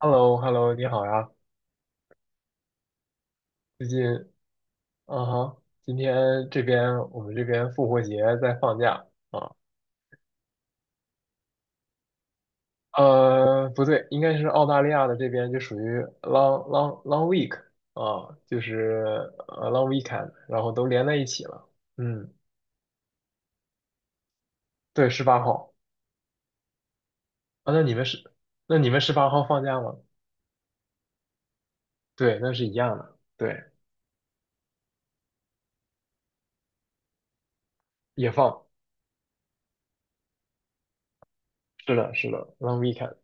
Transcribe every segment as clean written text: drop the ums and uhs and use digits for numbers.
h e l l o h e l l o 你好呀！最近，嗯哈。今天我们这边复活节在放假啊。不对，应该是澳大利亚的这边就属于 long long long week 啊，就是呃 long weekend，然后都连在一起了。嗯，对，十八号啊。那你们十八号放假吗？对，那是一样的，对，也放。是的，是的，long weekend。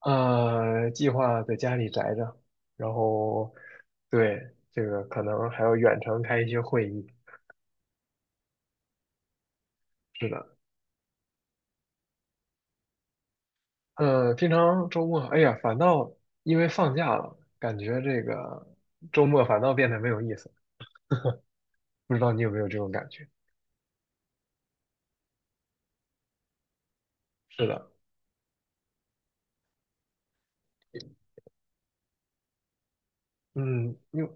计划在家里宅着，然后，对，这个可能还要远程开一些会议。是的。平常周末，哎呀，反倒因为放假了，感觉这个周末反倒变得没有意思。不知道你有没有这种感觉？是的。嗯。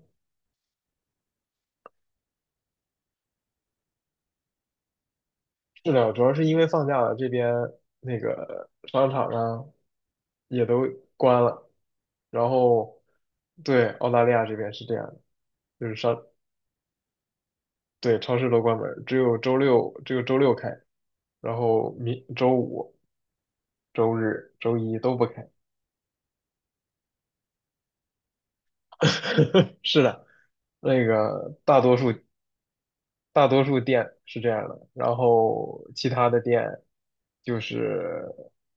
是的，主要是因为放假了，这边那个商场啊也都关了，然后，对，澳大利亚这边是这样的。就是商对，超市都关门儿。只有周六开，然后周五、周日、周一都不开。是的。那个大多数大多数店是这样的，然后其他的店就是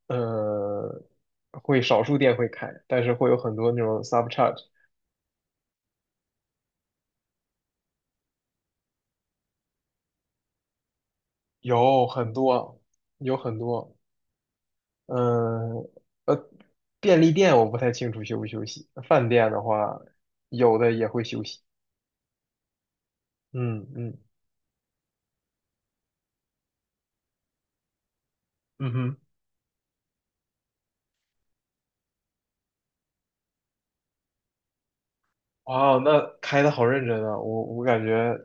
呃会少数店会开，但是会有很多那种 sub charge。有很多，有很多。嗯。呃，便利店我不太清楚休不休息，饭店的话，有的也会休息。嗯嗯。嗯哼。哇，那开的好认真啊！我感觉，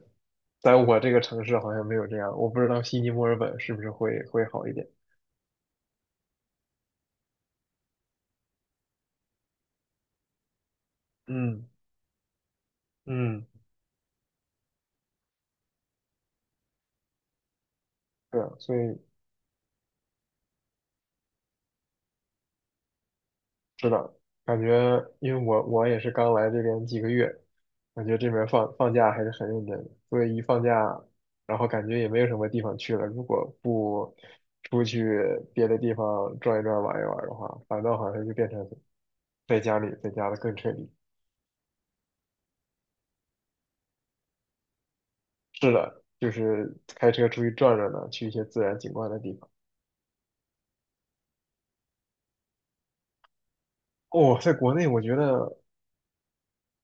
在我这个城市好像没有这样，我不知道悉尼、墨尔本是不是会好一点。嗯。嗯。对啊，所以。是的，感觉因为我也是刚来这边几个月，感觉这边放假还是很认真的，所以一放假，然后感觉也没有什么地方去了。如果不出去别的地方转一转、玩一玩的话，反倒好像就变成在家里，在家的更彻底。是的，就是开车出去转转呢，去一些自然景观的地方。哦，在国内我觉得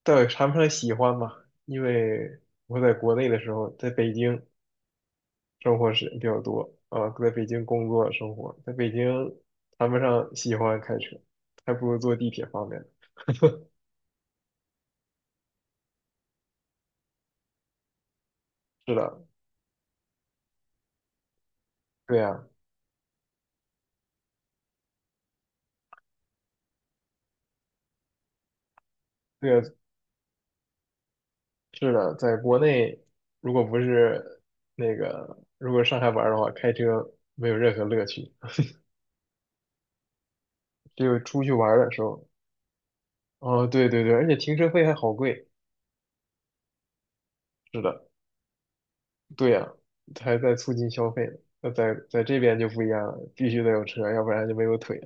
倒也谈不上喜欢吧，因为我在国内的时候，在北京。生活时间比较多啊，在北京工作生活，在北京谈不上喜欢开车，还不如坐地铁方便。是的。对呀，对呀。是的。在国内如果不是那个，如果上下班儿的话，开车没有任何乐趣，只有出去玩儿的时候。哦，对对对，而且停车费还好贵。是的。对呀。还在促进消费呢。那在这边就不一样了，必须得有车，要不然就没有腿。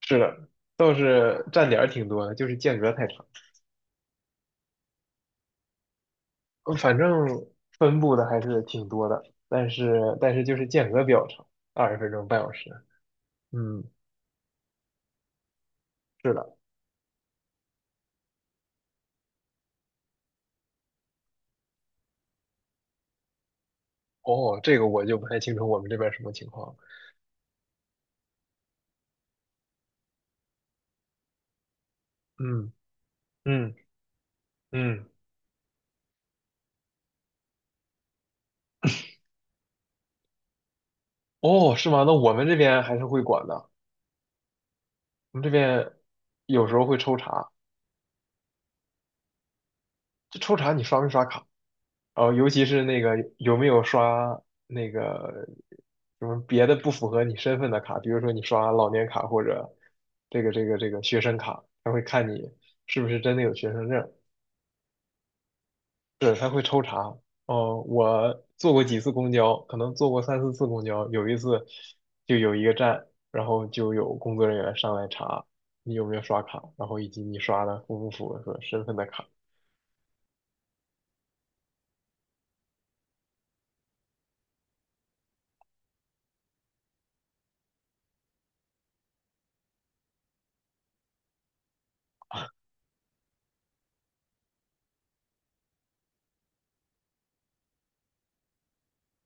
是的。倒是站点儿挺多的，就是间隔太长。嗯反正分布的还是挺多的，但是就是间隔比较长，20分钟半小时。嗯。是的。哦，这个我就不太清楚我们这边什么情况。嗯。嗯。嗯。哦，是吗？那我们这边还是会管的。我们这边有时候会抽查。这抽查你刷没刷卡？哦，尤其是那个有没有刷那个什么别的不符合你身份的卡，比如说你刷老年卡或者这个学生卡，他会看你是不是真的有学生证。对，他会抽查。哦，我坐过几次公交，可能坐过3、4次公交，有一次就有一个站，然后就有工作人员上来查你有没有刷卡，然后以及你刷的符不符合身份的卡。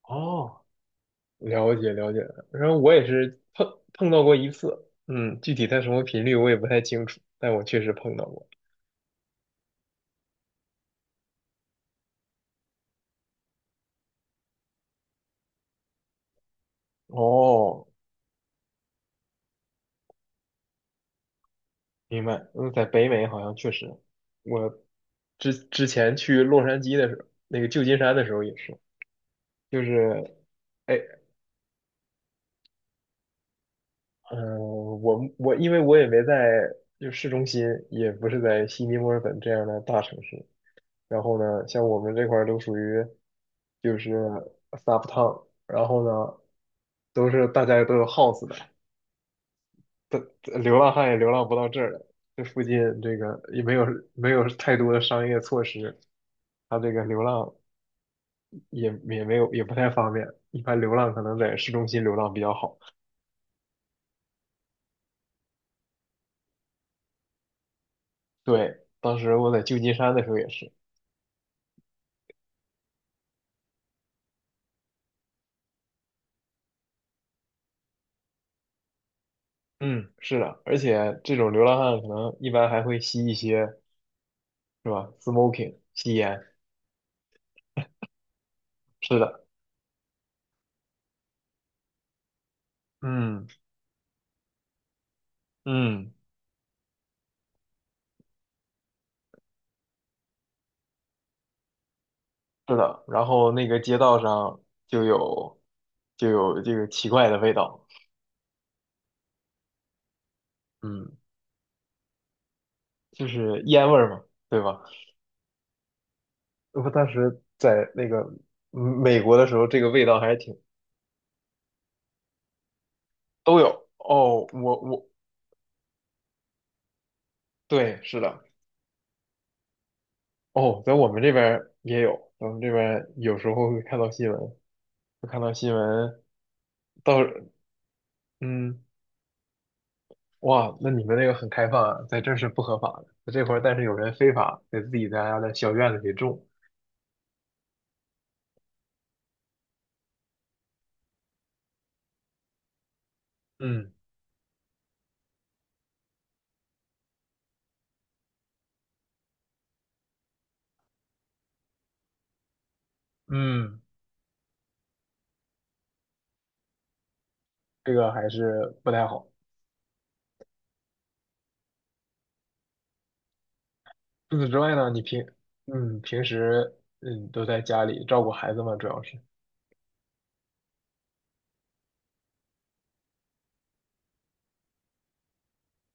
哦，了解了解。然后我也是碰到过一次。嗯，具体它什么频率我也不太清楚，但我确实碰到过。哦，明白。嗯。在北美好像确实，我之前去洛杉矶的时候，那个旧金山的时候也是，就是，哎，嗯、我我因为我也没在就市中心，也不是在悉尼、墨尔本这样的大城市。然后呢，像我们这块儿都属于就是撒不烫。然后呢，都是大家都有 house 的，但流浪汉也流浪不到这儿来。这附近这个也没有太多的商业措施，他这个流浪也没有也不太方便。一般流浪可能在市中心流浪比较好。对，当时我在旧金山的时候也是。嗯。是的。而且这种流浪汉可能一般还会吸一些是吧，smoking 吸烟。是的。嗯。嗯。是的，然后那个街道上就有就有这个奇怪的味道。嗯。就是烟味儿嘛，对吧？我当时在美国的时候，这个味道还是挺，都有哦。对，是的。哦，在我们这边儿也有，我们这边儿有时候会看到新闻，会看到新闻到嗯。哇，那你们那个很开放啊。在这儿是不合法的，这块儿但是有人非法在自己家的小院子里种。嗯。嗯，这个还是不太好。除此之外呢，你平嗯平时都在家里照顾孩子嘛，主要是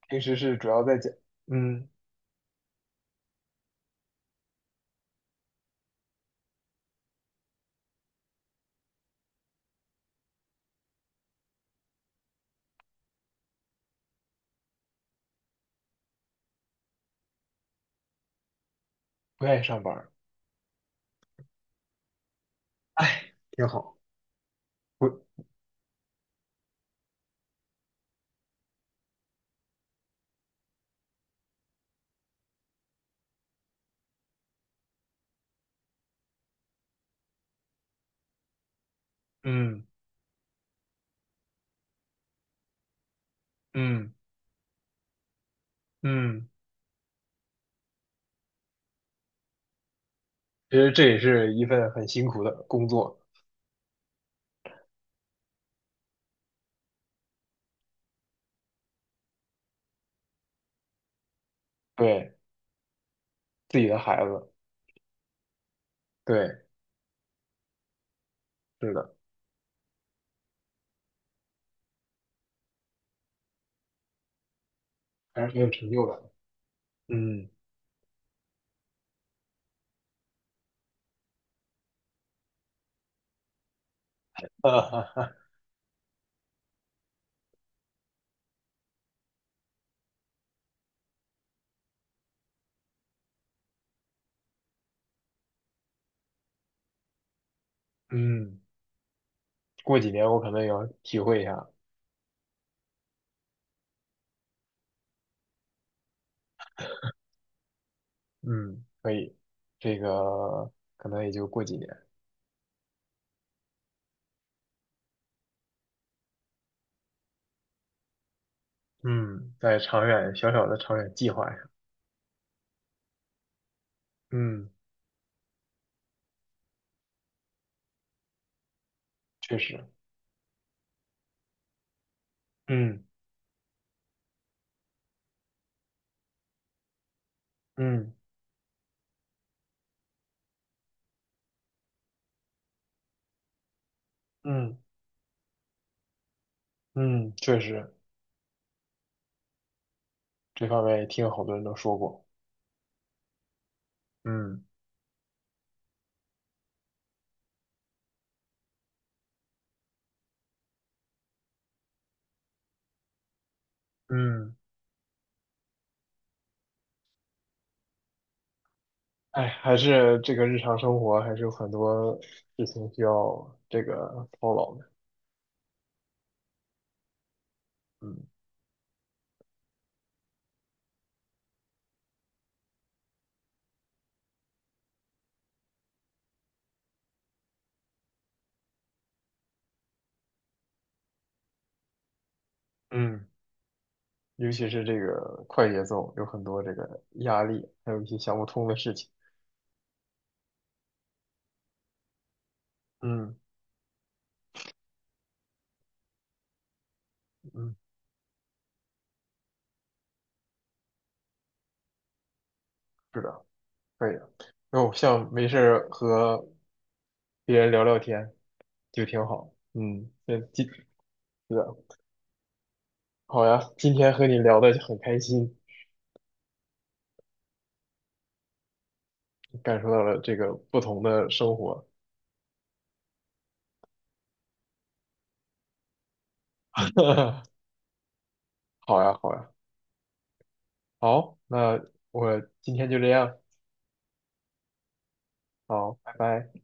平时是主要在家。嗯。不愿意上班儿。哎，挺好。不。嗯。嗯。嗯。其实这也是一份很辛苦的工作。对，自己的孩子。对。是的。还是很有成就感的。嗯。哈哈哈。嗯。过几年我可能也要体会一下。嗯，可以。这个可能也就过几年。嗯，在小小的长远计划上。嗯，确实。嗯。嗯。嗯。嗯，确实。这方面也听好多人都说过。嗯。嗯，哎，还是这个日常生活还是有很多事情需要这个操劳的。嗯。嗯，尤其是这个快节奏，有很多这个压力，还有一些想不通的事情。嗯。嗯。是的，可以的。那我像没事儿和别人聊聊天，就挺好。嗯。是的。好呀，今天和你聊的很开心，感受到了这个不同的生活。好呀，好呀，好，那我今天就这样。好，拜拜。